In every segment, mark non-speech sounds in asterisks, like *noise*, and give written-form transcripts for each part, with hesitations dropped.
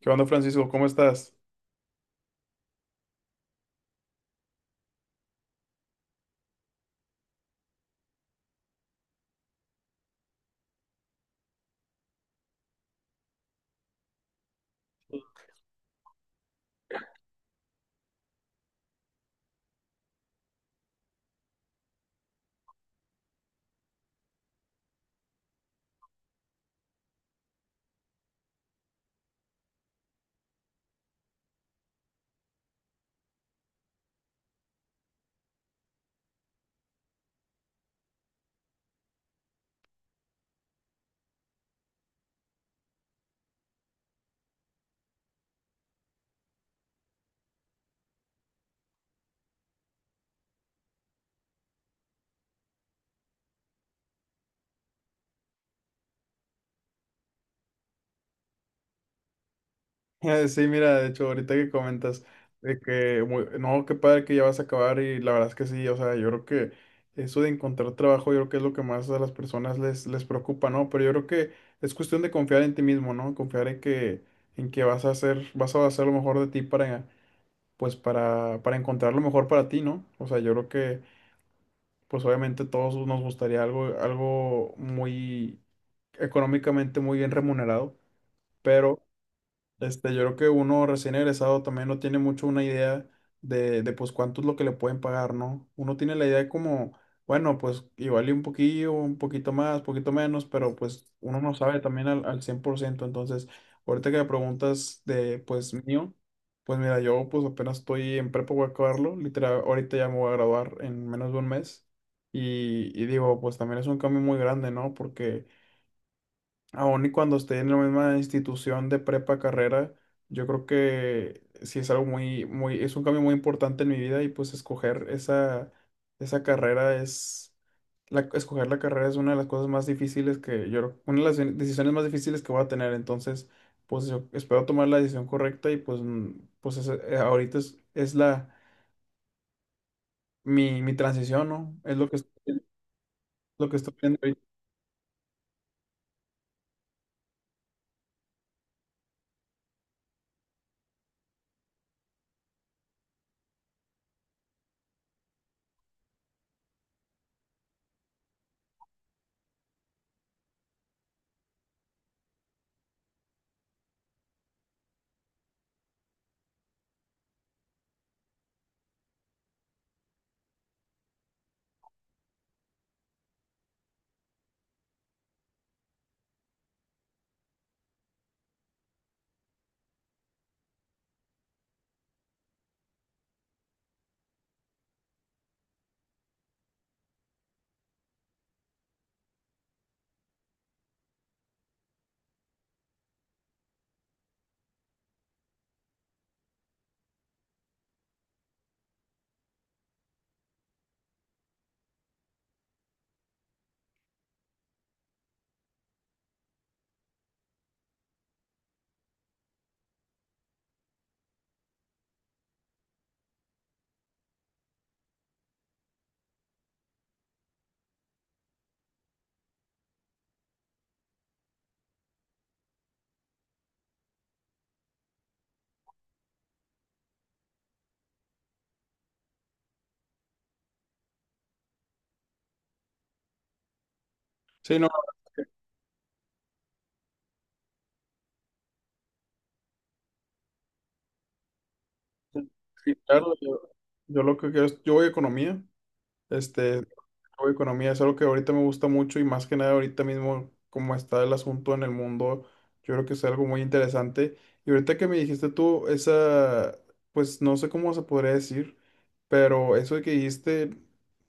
¿Qué onda, Francisco? ¿Cómo estás? *laughs* Sí, mira, de hecho, ahorita que comentas no, qué padre que ya vas a acabar y la verdad es que sí, o sea, yo creo que eso de encontrar trabajo, yo creo que es lo que más a las personas les preocupa, ¿no? Pero yo creo que es cuestión de confiar en ti mismo, ¿no? Confiar en que vas a hacer lo mejor de ti para encontrar lo mejor para ti, ¿no? O sea, yo creo que, pues, obviamente todos nos gustaría algo muy económicamente muy bien remunerado, pero este, yo creo que uno recién egresado también no tiene mucho una idea de pues cuánto es lo que le pueden pagar, ¿no? Uno tiene la idea de como, bueno, pues igual y un poquillo, un poquito más, poquito menos, pero pues uno no sabe también al cien por ciento. Entonces, ahorita que me preguntas de pues mío, pues mira, yo pues apenas estoy en prepa, voy a acabarlo, literal, ahorita ya me voy a graduar en menos de un mes. Y digo, pues también es un cambio muy grande, ¿no? Porque aún y cuando esté en la misma institución de prepa, carrera, yo creo que sí es algo es un cambio muy importante en mi vida y pues escoger esa carrera es, escoger la carrera es una de las cosas más difíciles que yo, una de decisiones más difíciles que voy a tener. Entonces, pues yo espero tomar la decisión correcta y ahorita es mi transición, ¿no? Es lo que lo que estoy viendo ahorita. Sí, no, sí, claro, yo lo que quiero es, yo voy a economía, este, hago economía es algo que ahorita me gusta mucho y más que nada ahorita mismo como está el asunto en el mundo, yo creo que es algo muy interesante. Y ahorita que me dijiste tú, esa, pues no sé cómo se podría decir, pero eso de que dijiste,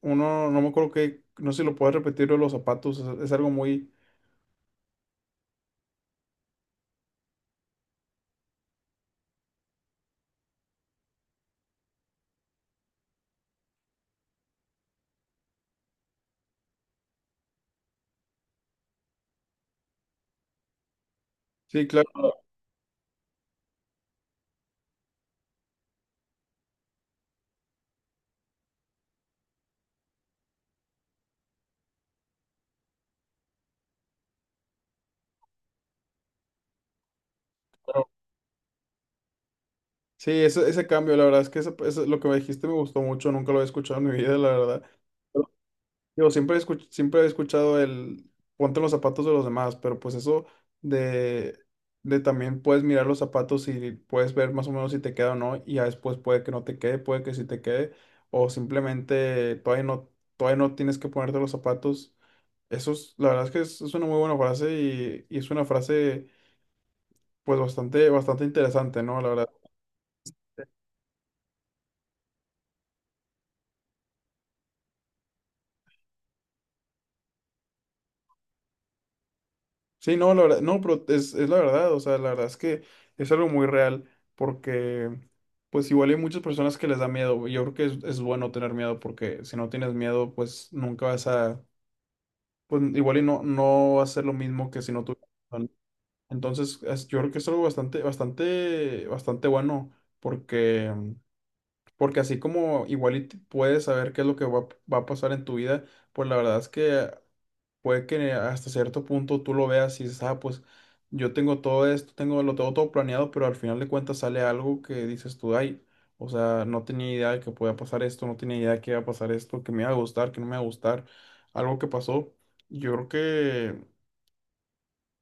uno, no me acuerdo que, no sé si lo puedes repetir lo de los zapatos, es algo muy... Sí, claro. Claro. Sí, ese cambio, la verdad es que lo que me dijiste me gustó mucho, nunca lo había escuchado en mi vida, la verdad. Yo siempre, siempre he escuchado el ponte los zapatos de los demás, pero pues eso de, de también puedes mirar los zapatos y puedes ver más o menos si te queda o no, y ya después puede que no te quede, puede que sí te quede, o simplemente todavía no tienes que ponerte los zapatos. Eso es, la verdad es que es una muy buena frase y es una frase pues bastante interesante, ¿no? La verdad. Sí, no, la verdad, no, pero es la verdad, o sea, la verdad es que es algo muy real, porque pues igual hay muchas personas que les da miedo, yo creo que es bueno tener miedo, porque si no tienes miedo, pues nunca vas a, pues igual y no, no va a ser lo mismo que si no tuvieras miedo. Entonces, yo creo que es algo bastante bueno, porque, porque así como igual y puedes saber qué es lo que va a pasar en tu vida, pues la verdad es que puede que hasta cierto punto tú lo veas y dices, ah, pues yo tengo todo esto, tengo, lo tengo todo planeado, pero al final de cuentas sale algo que dices tú, ay, o sea, no tenía idea de que podía pasar esto, no tenía idea de que iba a pasar esto, que me iba a gustar, que no me iba a gustar, algo que pasó. Yo creo que,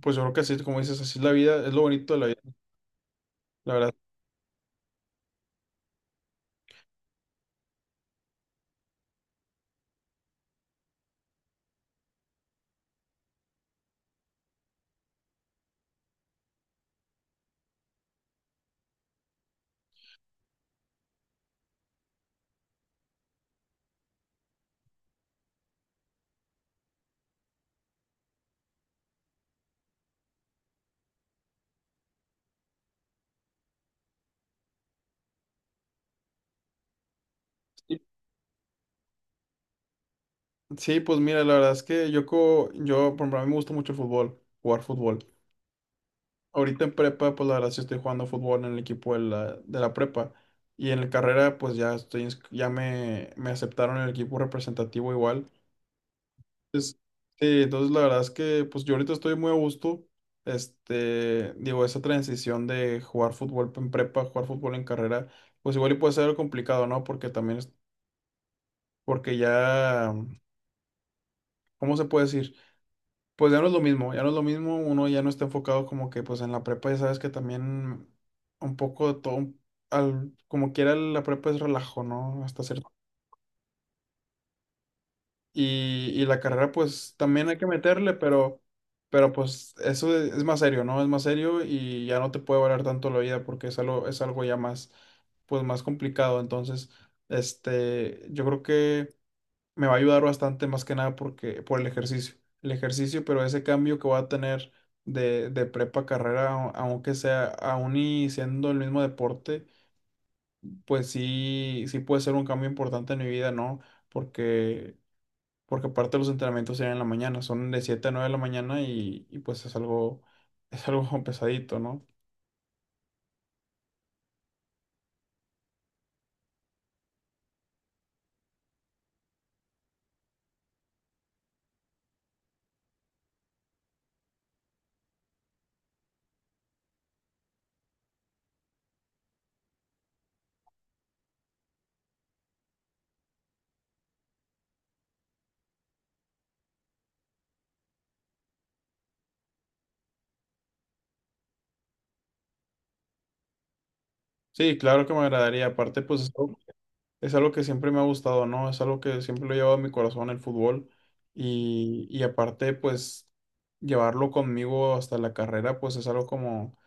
pues yo creo que así, como dices, así es la vida, es lo bonito de la vida, la verdad. Sí, sí, pues mira, la verdad es que yo, por ejemplo, a mí me gusta mucho el fútbol, jugar fútbol. Ahorita en prepa, pues la verdad sí estoy jugando fútbol en el equipo de la prepa. Y en la carrera, pues ya estoy, ins- ya me aceptaron en el equipo representativo igual. Entonces, sí, entonces la verdad es que pues yo ahorita estoy muy a gusto. Este, digo, esa transición de jugar fútbol en prepa, jugar fútbol en carrera, pues igual y puede ser algo complicado, ¿no? Porque también porque ya, ¿cómo se puede decir? Pues ya no es lo mismo, ya no es lo mismo, uno ya no está enfocado como que pues en la prepa, ya sabes que también un poco de todo, al, como quiera la prepa es relajo, ¿no? Hasta cierto. Y la carrera pues también hay que meterle, pero pues eso es más serio, ¿no? Es más serio y ya no te puede valer tanto la vida porque es algo ya más, pues más complicado. Entonces, este, yo creo que me va a ayudar bastante más que nada porque, por el ejercicio. El ejercicio, pero ese cambio que voy a tener de prepa a carrera, aunque sea aún y siendo el mismo deporte, pues sí, sí puede ser un cambio importante en mi vida, ¿no? Porque, porque aparte los entrenamientos serían en la mañana, son de 7 a 9 de la mañana y pues es algo *laughs* pesadito, ¿no? Sí, claro que me agradaría. Aparte, pues es algo que siempre me ha gustado, ¿no? Es algo que siempre lo he llevado en mi corazón, el fútbol. Y aparte, pues, llevarlo conmigo hasta la carrera, pues es algo como,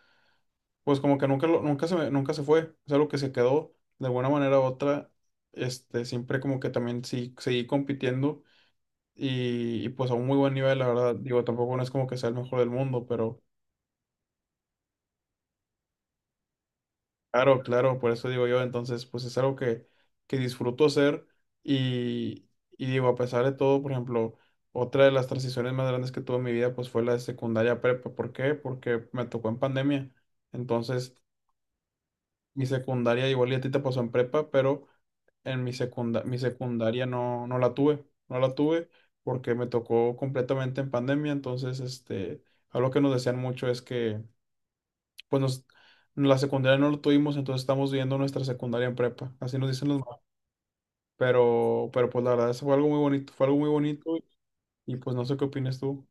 pues como que nunca, lo- nunca se, me- nunca se fue. Es algo que se quedó de alguna manera u otra. Este, siempre como que también sí, seguí compitiendo y pues a un muy buen nivel, la verdad. Digo, tampoco no es como que sea el mejor del mundo, pero claro, claro, por eso digo yo, entonces, pues es algo que disfruto hacer y, y digo, a pesar de todo, por ejemplo, otra de las transiciones más grandes que tuve en mi vida, pues fue la de secundaria a prepa. ¿Por qué? Porque me tocó en pandemia. Entonces, mi secundaria, igual y a ti te pasó en prepa, pero en mi secunda, mi secundaria no, no la tuve, no la tuve porque me tocó completamente en pandemia, entonces, este, algo que nos decían mucho es que pues nos, la secundaria no lo tuvimos, entonces estamos viendo nuestra secundaria en prepa, así nos dicen los maestros. Pero pues la verdad, eso fue algo muy bonito, fue algo muy bonito y pues no sé qué opinas tú.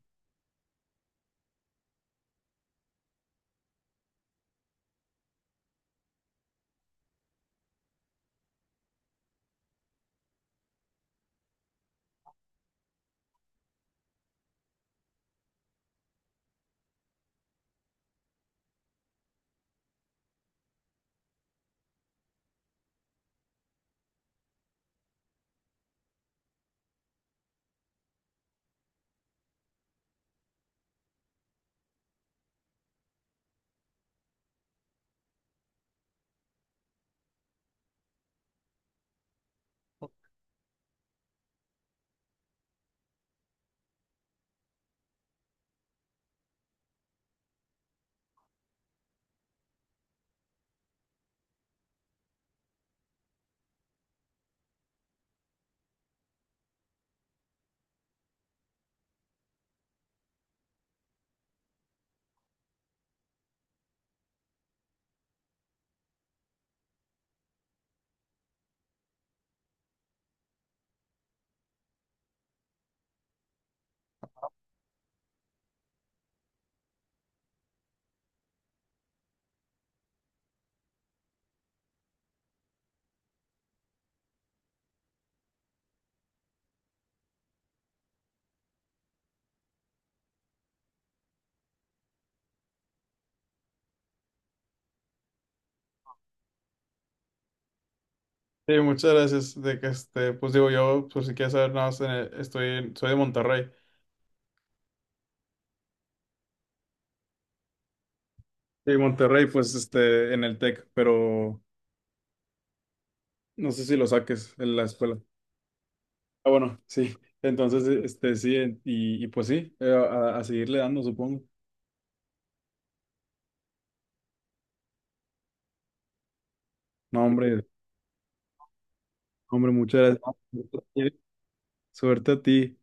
Sí, muchas gracias, de que este, pues digo yo, por si quieres saber nada más, en el- estoy, en- soy de Monterrey. Sí, Monterrey, pues este, en el TEC, pero no sé si lo saques en la escuela. Ah, bueno, sí. Entonces, este, sí, y pues sí, a seguirle dando, supongo. No, hombre, hombre, muchas gracias. *laughs* Suerte a ti.